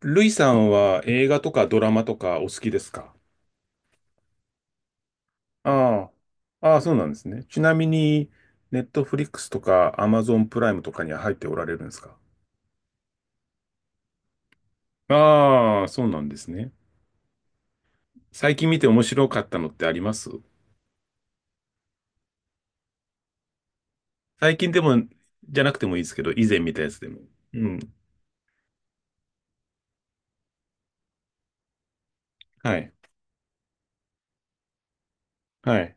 ルイさんは映画とかドラマとかお好きですか？ああ、ああ、そうなんですね。ちなみに、ネットフリックスとかアマゾンプライムとかには入っておられるんですか？ああ、そうなんですね。最近見て面白かったのってあります？最近でも、じゃなくてもいいですけど、以前見たやつでも。うん。はい。はい。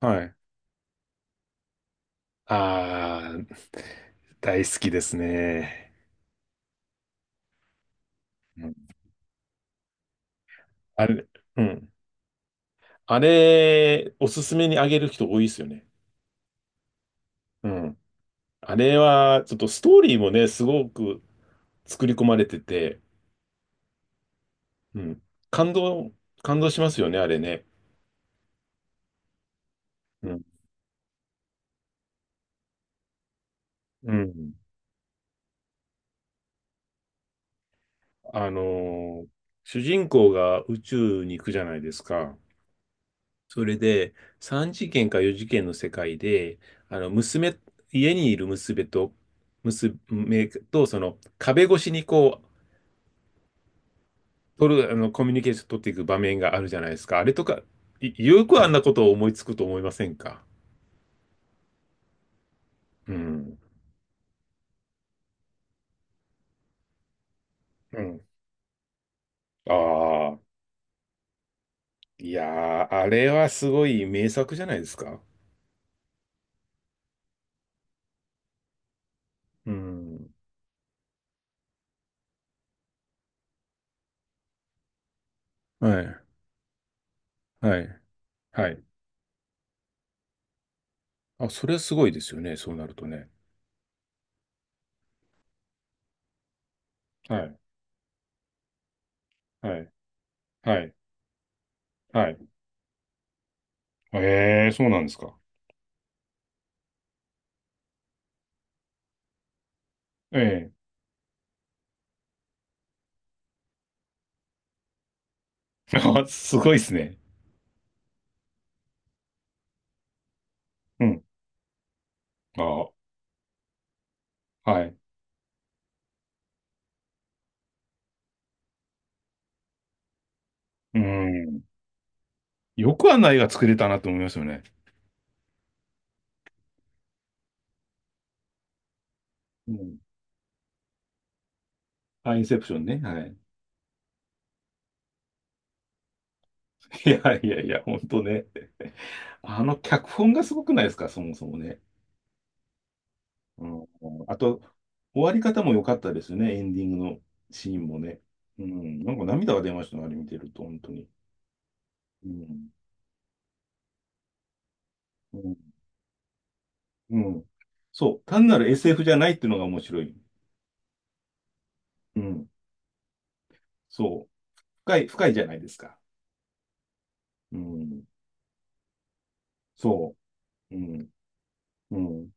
はい。ああ、大好きですね。うん。あれ、うん。あれ、おすすめにあげる人多いですよね。うん。あれは、ちょっとストーリーもね、すごく作り込まれてて、うん。感動、感動しますよね、あれね。うん。うん。あのー主人公が宇宙に行くじゃないですか。それで、3次元か4次元の世界で、あの、娘、家にいる娘と、壁越しにこう、取る、あの、コミュニケーション取っていく場面があるじゃないですか。あれとか、よくあんなことを思いつくと思いませんか？うん。うん。ああ、いやー、あれはすごい名作じゃないですか。うん。はい、はい、はい。あ、それはすごいですよね、そうなるとね。はい、はい、はい、はい。ええ、そうなんですか。ええ。あ、すごいですね。うん。あ、はい。うん。よくあんな映画作れたなと思いますよね。うん。あ、インセプションね。はい。いやいやいや、ほんとね。あの脚本がすごくないですか、そもそもね。うん、あと、終わり方も良かったですね、エンディングのシーンもね。うん、なんか涙が出ましたね、あれ見てると、本当に。うん、うん、うん。そう、単なる SF じゃないっていうのが面白い。うん、そう、深い、深いじゃないですか。うん、そう、うん、うん、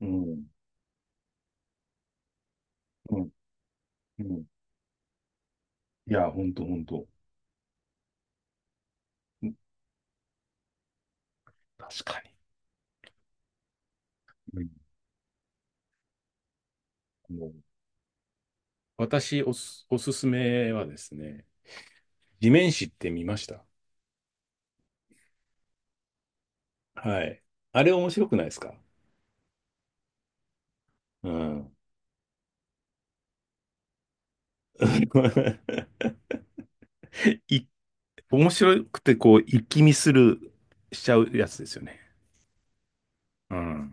うん、うん、うん。いや、本当本当。うん。確かに。うん。もう。私、おすすめはですね、地面師って見ました？はい。あれ面白くないですか？うん。い、面白くて、こう、一気見する、しちゃうやつですよね。うん。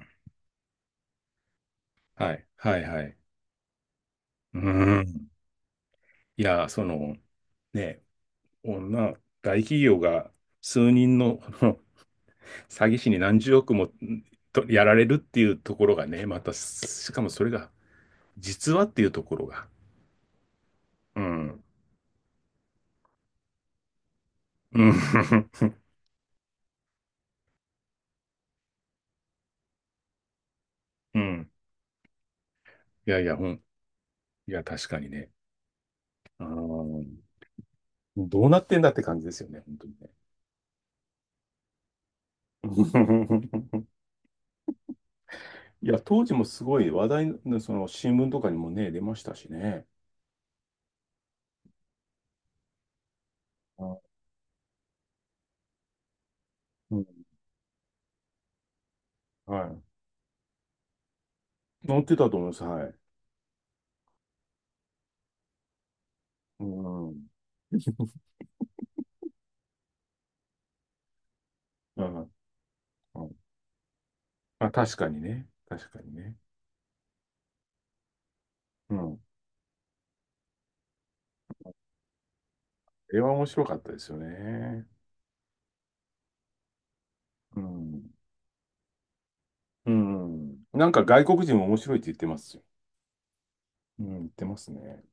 はい、はい、はい。うん。いや、ね、女、大企業が数人の詐欺師に何十億もとやられるっていうところがね、また、しかもそれが、実話っていうところが。うん。うん。うん。いやいや、いや、確かにね。あどうなってんだって感じですよね、本当にね。いや、当時もすごい話題の、その新聞とかにもね、出ましたしね。あ、うん。はい。載ってたと思います。はい。うん。うん。うん。あ、確かにね。確かにね。うん。あは面白かったですよね。うん。うん。なんか外国人も面白いって言ってますよ。うん、言ってますね。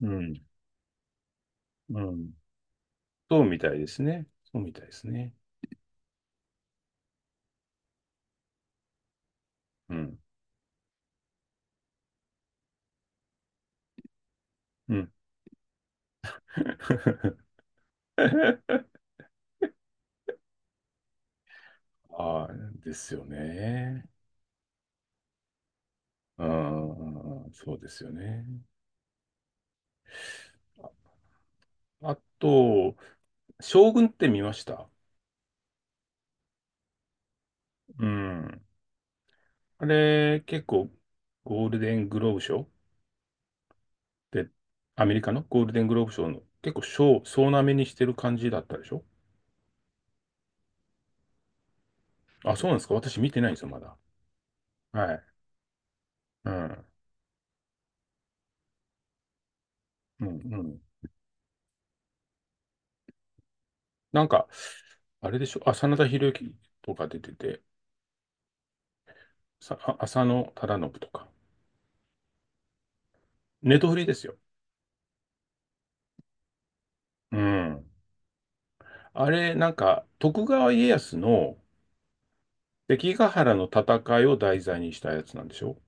うん。うん。そうみたいですね。そうみたいですね。うん。うん。ああ、ですよね。ああ、そうですよね。あと、将軍って見ました？うん。あれ、結構、ゴールデングローブ賞で、アメリカのゴールデングローブ賞の結構賞、総なめにしてる感じだったでしょ？あ、そうなんですか？私見てないんですよ、まだ。はい。うん。うん、うん。なんか、あれでしょ？あ、真田広之とか出てて、あ、浅野忠信とか。ネトフリですよ。うん。あれ、なんか、徳川家康の、関ヶ原の戦いを題材にしたやつなんでしょ？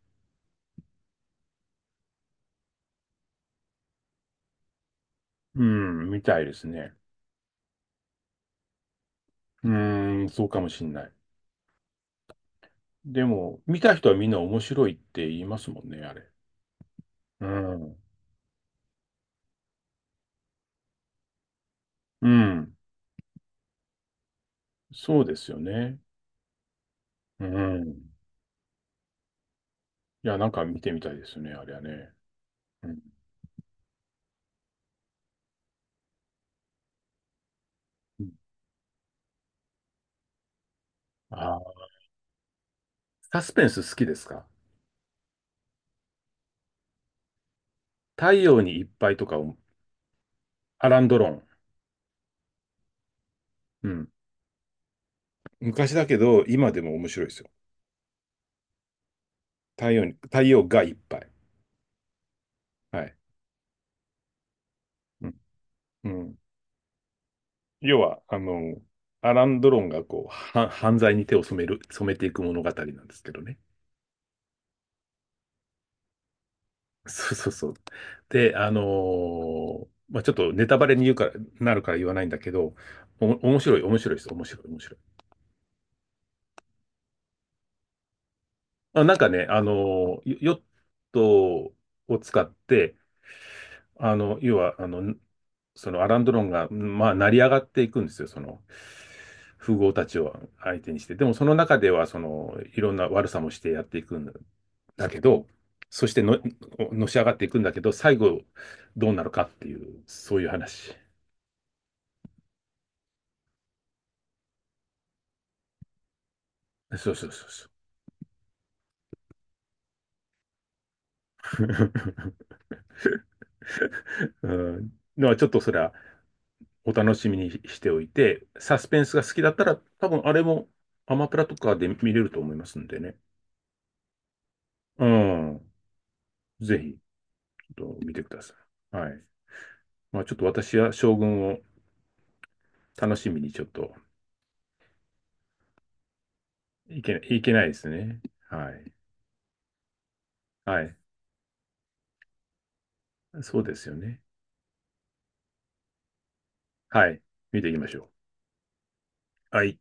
うん、みたいですね。うーん、そうかもしんない。でも、見た人はみんな面白いって言いますもんね、あれ。うん。うん。そうですよね。うん。いや、なんか見てみたいですよね、あれはね。うん。あー、サスペンス好きですか？太陽にいっぱいとか、アランドロン。うん。昔だけど、今でも面白いですよ。太陽がいっぱい。はい。うん。うん。要は、アラン・ドロンが犯罪に手を染める、染めていく物語なんですけどね。そうそうそう。で、まあ、ちょっとネタバレに言うから、なるから言わないんだけど、面白い、面白いです。面白い、面白い。あ、なんかね、ヨヨットを使って、要は、そのアラン・ドロンが、まあ、成り上がっていくんですよ、その、富豪たちを相手にして。でも、その中では、いろんな悪さもしてやっていくんだけど、そしての、のし上がっていくんだけど、最後、どうなるかっていう、そういう話。そうそうそうそう。うん。ちょっとそれは、お楽しみにしておいて、サスペンスが好きだったら、多分、あれも、アマプラとかで見れると思いますんでね。うん。ぜひ。と見てください。はい。まあ、ちょっと私は将軍を楽しみにちょっといけない、いけないですね。はい。はい。そうですよね。はい。見ていきましょう。はい。